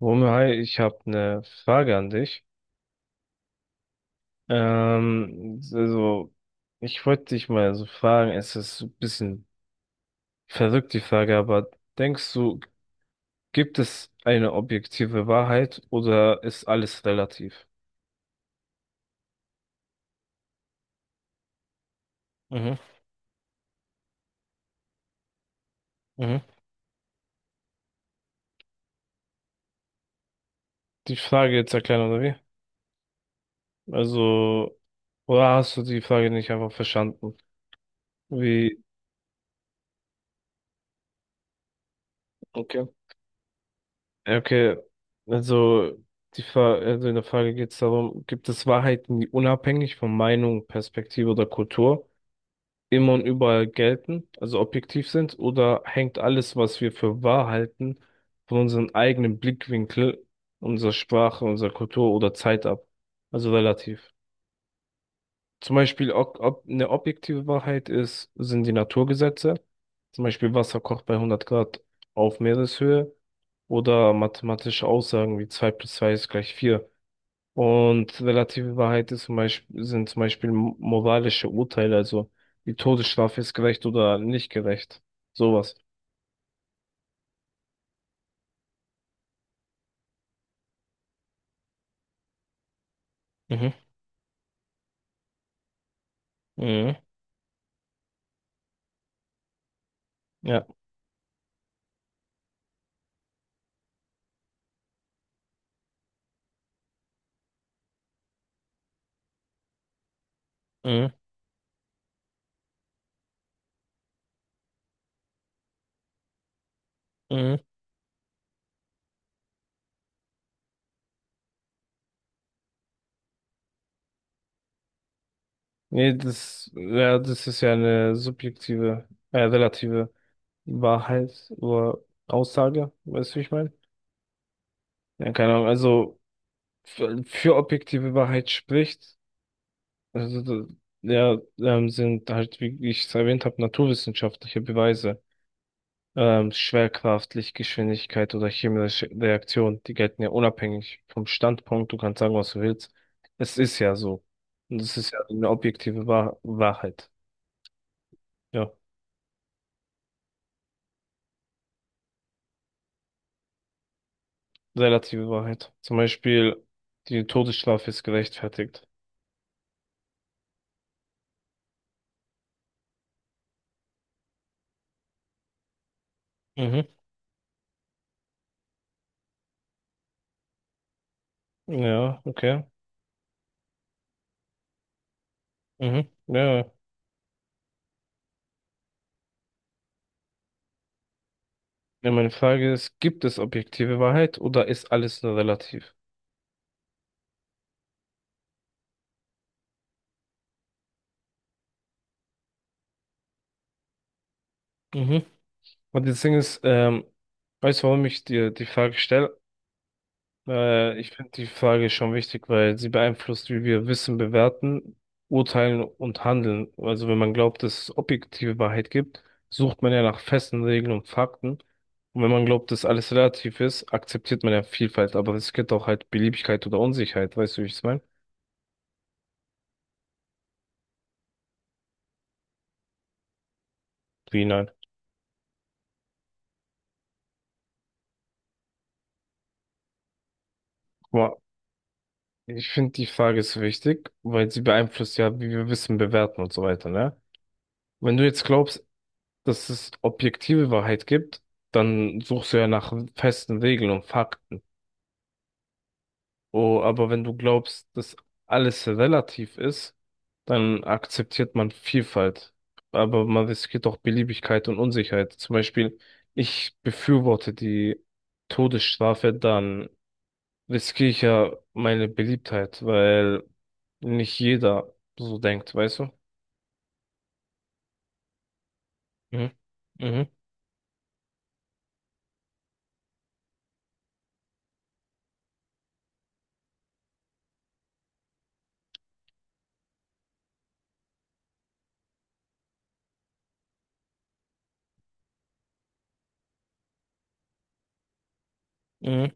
Romeo, hi, ich habe eine Frage an dich. Also, ich wollte dich mal so fragen, es ist ein bisschen verrückt, die Frage, aber denkst du, gibt es eine objektive Wahrheit oder ist alles relativ? Mhm, mhm. Die Frage jetzt erklären, oder wie? Also, oder hast du die Frage nicht einfach verstanden? Wie? Okay. Ja, okay, also, die Fra also in der Frage geht es darum, gibt es Wahrheiten, die unabhängig von Meinung, Perspektive oder Kultur immer und überall gelten, also objektiv sind, oder hängt alles, was wir für wahr halten, von unserem eigenen Blickwinkel, unserer Sprache, unserer Kultur oder Zeit ab? Also relativ. Zum Beispiel, ob, ob eine objektive Wahrheit ist, sind die Naturgesetze. Zum Beispiel Wasser kocht bei 100 Grad auf Meereshöhe oder mathematische Aussagen wie 2 plus 2 ist gleich 4. Und relative Wahrheit ist zum Beispiel, sind zum Beispiel moralische Urteile, also die Todesstrafe ist gerecht oder nicht gerecht. Sowas. Mhm. Mhm. Ja. Mhm. Mhm. Nee, das, ja, das ist ja eine subjektive, relative Wahrheit oder Aussage, weißt du, wie ich meine? Ja, keine Ahnung, also für objektive Wahrheit spricht, also ja, sind halt, wie ich es erwähnt habe, naturwissenschaftliche Beweise, Schwerkraft, Lichtgeschwindigkeit oder chemische Reaktion, die gelten ja unabhängig vom Standpunkt, du kannst sagen, was du willst. Es ist ja so. Und es ist ja eine objektive Wahrheit. Ja, relative Wahrheit. Zum Beispiel, die Todesstrafe ist gerechtfertigt. Mhm. Ja, okay. Mhm. Ja, ja, ja, meine Frage ist, gibt es objektive Wahrheit oder ist alles nur relativ? Mhm. Und das Ding ist, weißt du, warum ich dir die Frage stelle? Ich finde die Frage schon wichtig, weil sie beeinflusst, wie wir Wissen bewerten, urteilen und handeln. Also wenn man glaubt, dass es objektive Wahrheit gibt, sucht man ja nach festen Regeln und Fakten. Und wenn man glaubt, dass alles relativ ist, akzeptiert man ja Vielfalt, aber es gibt auch halt Beliebigkeit oder Unsicherheit, weißt du, wie ich es meine? Wie nein? Ich finde, die Frage ist wichtig, weil sie beeinflusst ja, wie wir Wissen bewerten und so weiter, ne? Wenn du jetzt glaubst, dass es objektive Wahrheit gibt, dann suchst du ja nach festen Regeln und Fakten. Oh, aber wenn du glaubst, dass alles relativ ist, dann akzeptiert man Vielfalt. Aber man riskiert auch Beliebigkeit und Unsicherheit. Zum Beispiel, ich befürworte die Todesstrafe, dann riskiere ich ja meine Beliebtheit, weil nicht jeder so denkt, weißt du? Mhm. Mhm. Mhm.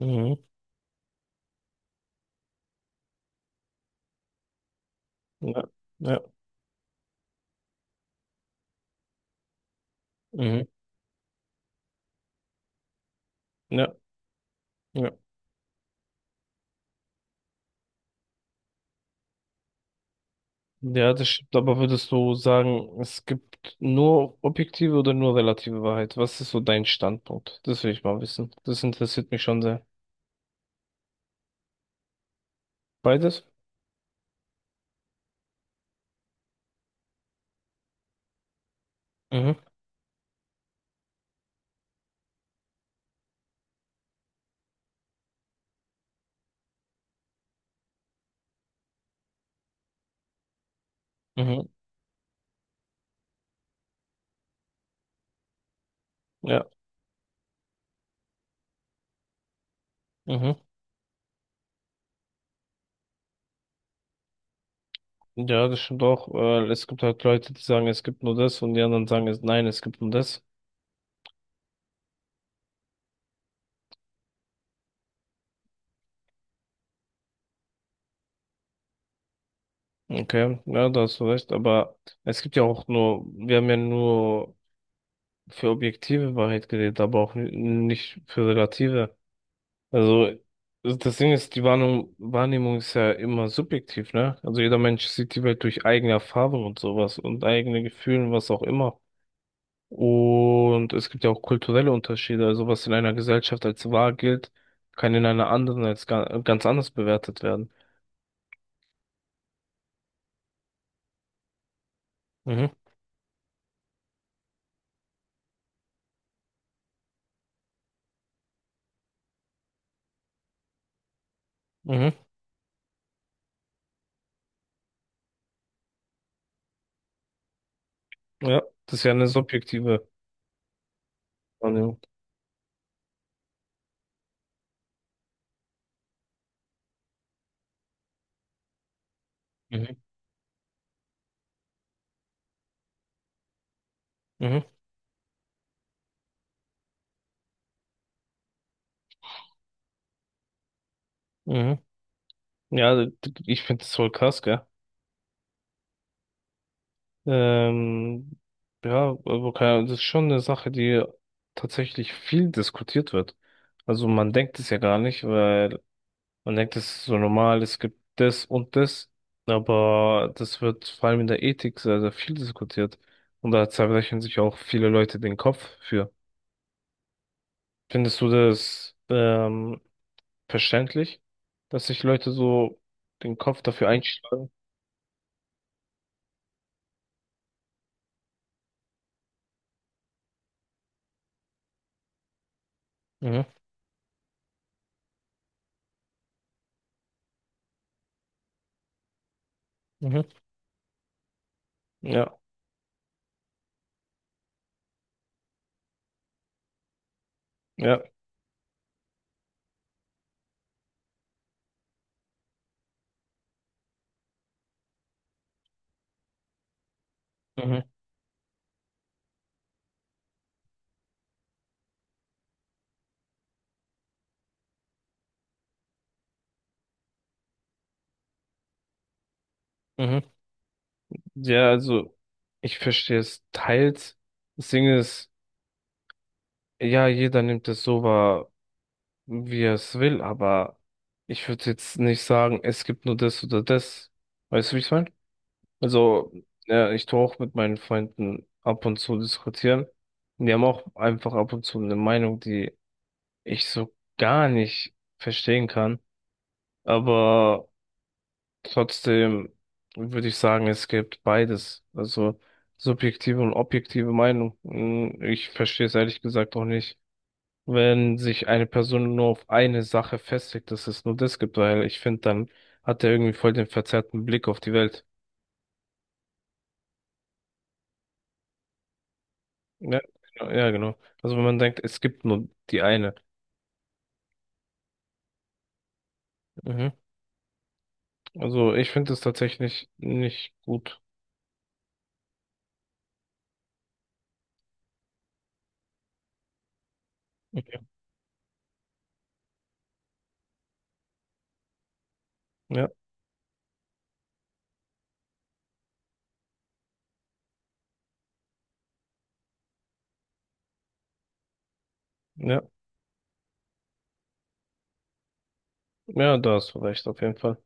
Mhm. Ja. Ja. Mhm. Ja. Ja. Ja, das stimmt. Aber würdest du sagen, es gibt nur objektive oder nur relative Wahrheit? Was ist so dein Standpunkt? Das will ich mal wissen. Das interessiert mich schon sehr. Beides? Mhm. Mhm. Ja. Mhm. Ja, das stimmt auch. Es gibt halt Leute, die sagen, es gibt nur das und die anderen sagen, es, nein, es gibt nur das. Okay, ja, da hast du recht, aber es gibt ja auch nur, wir haben ja nur für objektive Wahrheit geredet, aber auch nicht für relative. Also das Ding ist, die Wahrnehmung, Wahrnehmung ist ja immer subjektiv, ne? Also jeder Mensch sieht die Welt durch eigene Erfahrungen und sowas und eigene Gefühle und was auch immer. Und es gibt ja auch kulturelle Unterschiede, also was in einer Gesellschaft als wahr gilt, kann in einer anderen als ganz anders bewertet werden. Mhm, mhm, ja, das ist ja eine subjektive Wahrnehmung. Mhm. Mhm, mhm. Ja, ich finde das voll krass, gell? Ähm, ja, aber keine Ahnung, das ist schon eine Sache, die tatsächlich viel diskutiert wird. Also man denkt es ja gar nicht, weil man denkt, es ist so normal, es gibt das und das, aber das wird vor allem in der Ethik sehr, sehr viel diskutiert. Und da zerbrechen sich auch viele Leute den Kopf für. Findest du das verständlich, dass sich Leute so den Kopf dafür einschlagen? Mhm, mhm. Ja. Ja, mhm, mhm. Ja, also ich verstehe es teils. Das Ding ist, ja, jeder nimmt es so wahr, wie er es will, aber ich würde jetzt nicht sagen, es gibt nur das oder das. Weißt du, wie ich meine? Also, ja, ich tue auch mit meinen Freunden ab und zu diskutieren. Und die haben auch einfach ab und zu eine Meinung, die ich so gar nicht verstehen kann. Aber trotzdem würde ich sagen, es gibt beides. Also subjektive und objektive Meinung. Ich verstehe es ehrlich gesagt auch nicht, wenn sich eine Person nur auf eine Sache festlegt, dass es nur das gibt, weil ich finde, dann hat er irgendwie voll den verzerrten Blick auf die Welt. Ja, genau, ja, genau. Also wenn man denkt, es gibt nur die eine. Mhm. Also ich finde es tatsächlich nicht gut. Okay. Ja, ja, ja, da hast du recht, auf jeden Fall.